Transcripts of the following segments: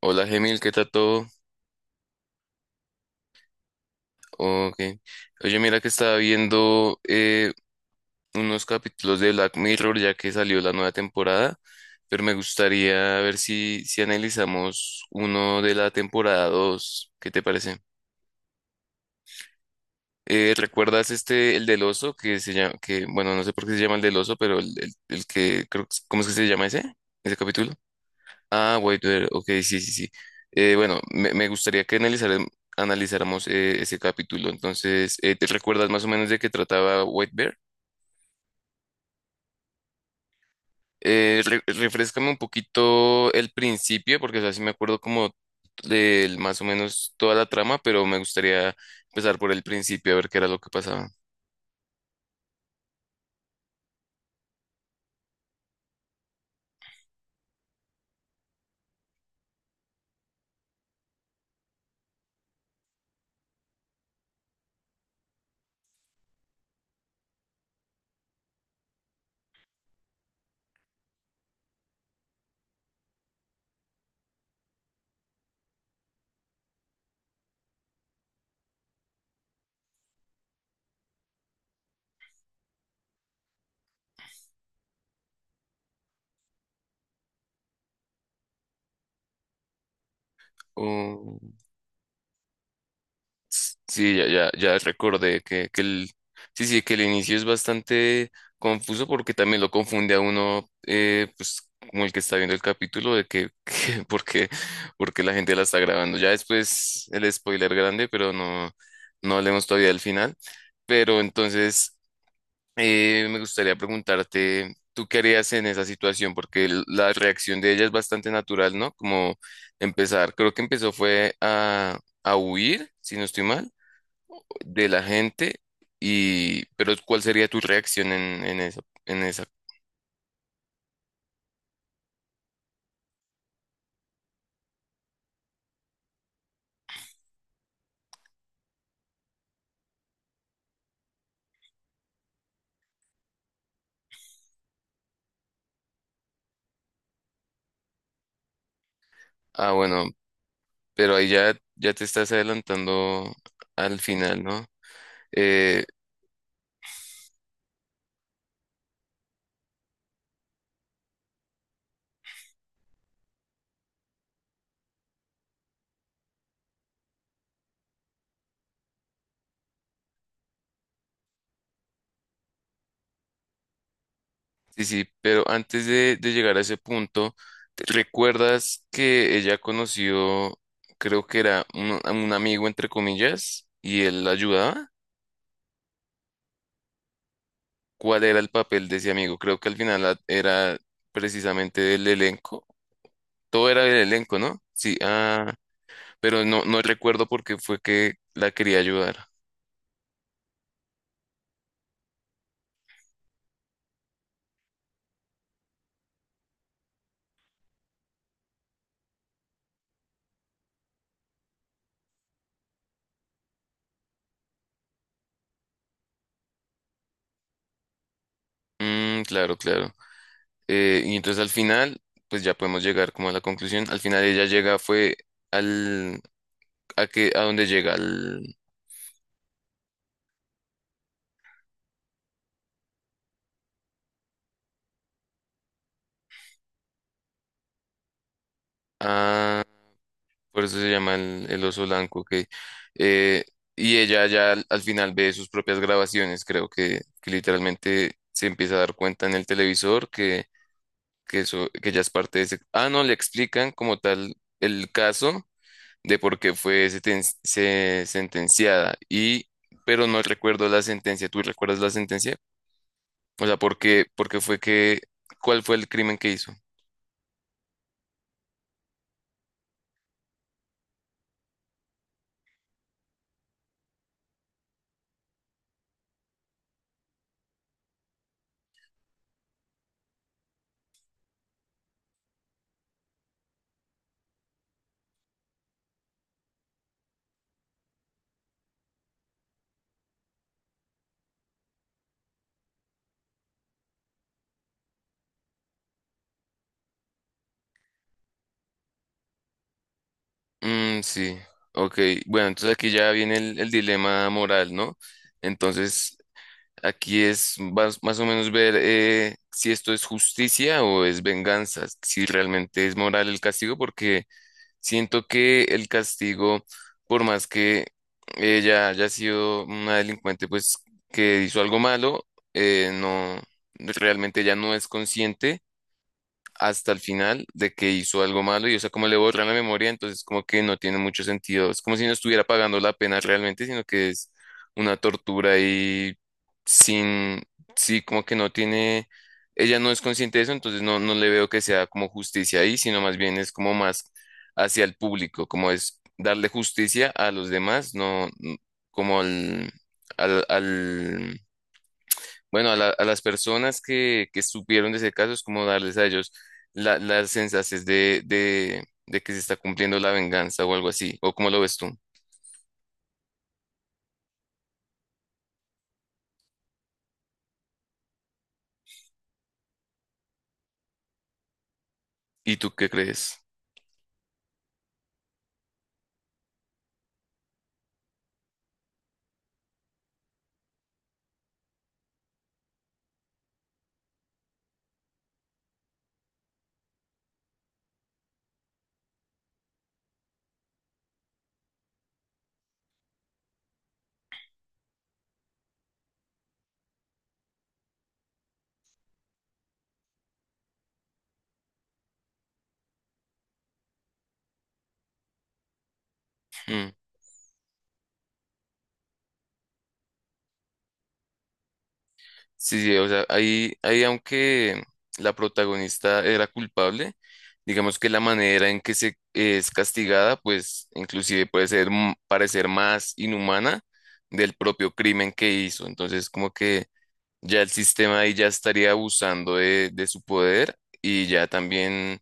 Hola Gemil, ¿qué tal todo? Okay. Oye, mira que estaba viendo unos capítulos de Black Mirror ya que salió la nueva temporada, pero me gustaría ver si analizamos uno de la temporada 2. ¿Qué te parece? ¿Recuerdas este, el del oso, que se llama, que, bueno, no sé por qué se llama el del oso, pero el que, creo, ¿cómo es que se llama ese? ¿Ese capítulo? Ah, White Bear, ok, sí, sí, sí. Bueno, me gustaría que analizáramos ese capítulo. Entonces, ¿te recuerdas más o menos de qué trataba White Bear? Refréscame un poquito el principio, porque así me acuerdo como del más o menos toda la trama, pero me gustaría empezar por el principio a ver qué era lo que pasaba. Sí, ya, ya, ya recordé que sí, sí, que el inicio es bastante confuso porque también lo confunde a uno, pues como el que está viendo el capítulo de que, porque la gente la está grabando. Ya después el spoiler grande, pero no, no hablemos todavía del final. Pero entonces me gustaría preguntarte, ¿tú qué harías en esa situación? Porque la reacción de ella es bastante natural, ¿no? Como empezar, creo que empezó fue a huir, si no estoy mal de la gente y, pero ¿cuál sería tu reacción en esa, en esa? Ah, bueno, pero ahí ya, ya te estás adelantando al final, ¿no? Eh, sí, sí, pero antes de llegar a ese punto, ¿recuerdas que ella conoció, creo que era a un amigo, entre comillas, y él la ayudaba? ¿Cuál era el papel de ese amigo? Creo que al final era precisamente del elenco. Todo era del elenco, ¿no? Sí, ah. Pero no, no recuerdo por qué fue que la quería ayudar. Mm, claro, claro. Y entonces al final, pues ya podemos llegar como a la conclusión. Al final ella llega, fue al, a que, a dónde llega, al, a, por eso se llama el oso blanco, que, eh, y ella ya al final ve sus propias grabaciones, creo que literalmente se empieza a dar cuenta en el televisor que eso, que ella es parte de ese, ah, no, le explican como tal el caso de por qué fue sentenciada. Y, pero no recuerdo la sentencia. ¿Tú recuerdas la sentencia? O sea, por qué fue que, cuál fue el crimen que hizo? Mm, sí, ok. Bueno, entonces aquí ya viene el dilema moral, ¿no? Entonces, aquí es más, más o menos ver si esto es justicia o es venganza, si realmente es moral el castigo, porque siento que el castigo, por más que ella haya sido una delincuente, pues que hizo algo malo, no, realmente ella no es consciente hasta el final de que hizo algo malo y o sea, como le borran la memoria, entonces como que no tiene mucho sentido. Es como si no estuviera pagando la pena realmente, sino que es una tortura y sin, sí, como que no tiene, ella no es consciente de eso, entonces no, no le veo que sea como justicia ahí, sino más bien es como más hacia el público, como es darle justicia a los demás, como al, al bueno, a, a las personas que supieron de ese caso es como darles a ellos las sensaciones de que se está cumpliendo la venganza o algo así, o cómo lo ves tú. ¿Y tú qué crees? Mm. Sí, sí, o sea, ahí, ahí aunque la protagonista era culpable, digamos que la manera en que se es castigada, pues inclusive puede ser parecer más inhumana del propio crimen que hizo. Entonces, como que ya el sistema ahí ya estaría abusando de su poder y ya también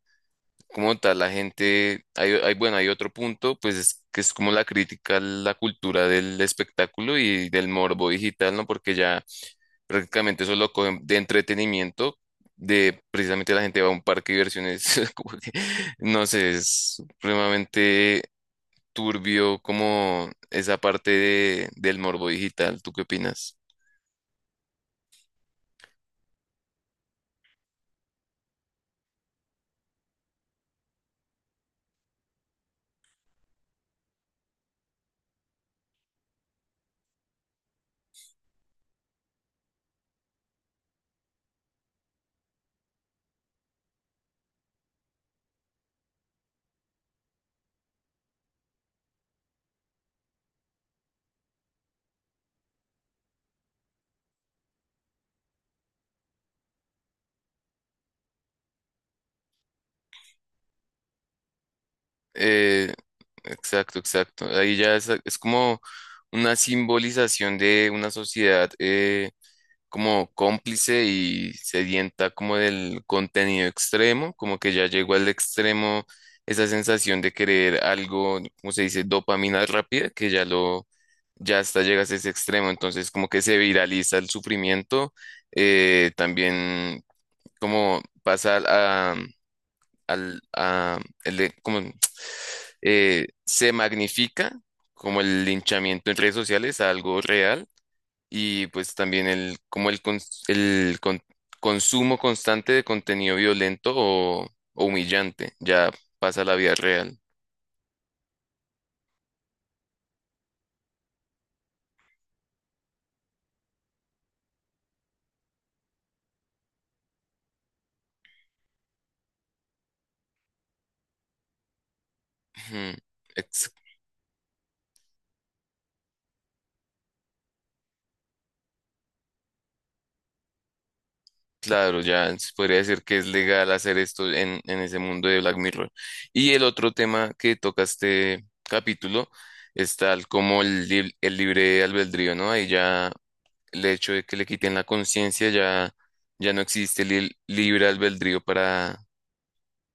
como tal la gente, bueno, hay otro punto, pues es que es como la crítica a la cultura del espectáculo y del morbo digital, ¿no? Porque ya prácticamente eso lo cogen de entretenimiento, de precisamente la gente va a un parque de diversiones, como que, no sé, es supremamente turbio como esa parte del morbo digital. ¿Tú qué opinas? Eh, exacto, exacto. Ahí ya es como una simbolización de una sociedad como cómplice y sedienta como del contenido extremo, como que ya llegó al extremo esa sensación de querer algo, como se dice, dopamina rápida, que ya ya hasta llegas a ese extremo. Entonces como que se viraliza el sufrimiento, también como pasa al, como, se magnifica como el linchamiento en redes sociales a algo real y pues también como el, cons- el con- consumo constante de contenido violento o humillante ya pasa a la vida real. Ujú. Claro, ya se podría decir que es legal hacer esto en ese mundo de Black Mirror. Y el otro tema que toca este capítulo es tal como el libre albedrío, ¿no? Ahí ya el hecho de que le quiten la conciencia ya, ya no existe el libre albedrío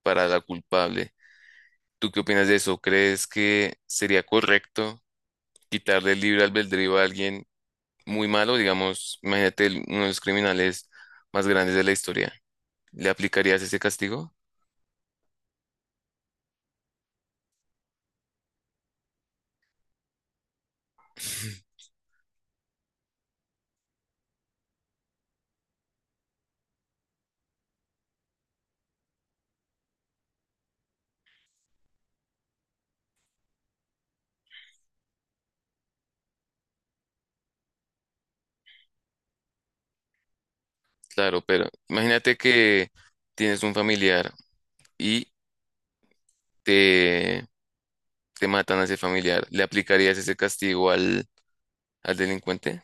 para la culpable. ¿Tú qué opinas de eso? ¿Crees que sería correcto quitarle el libre albedrío a alguien muy malo? Digamos, imagínate uno de los criminales más grandes de la historia. ¿Le aplicarías ese castigo? Claro, pero imagínate que tienes un familiar y te, te matan a ese familiar. ¿Le aplicarías ese castigo al delincuente?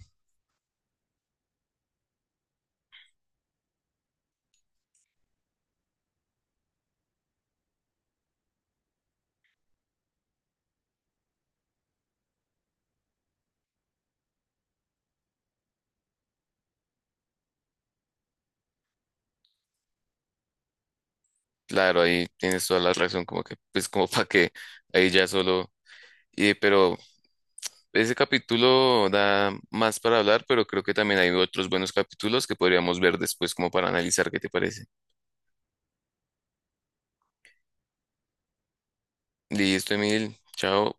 Claro, ahí tienes toda la razón, como que, pues como para que ahí ya solo... Y, pero ese capítulo da más para hablar, pero creo que también hay otros buenos capítulos que podríamos ver después como para analizar qué te parece. Listo, Emil, chao.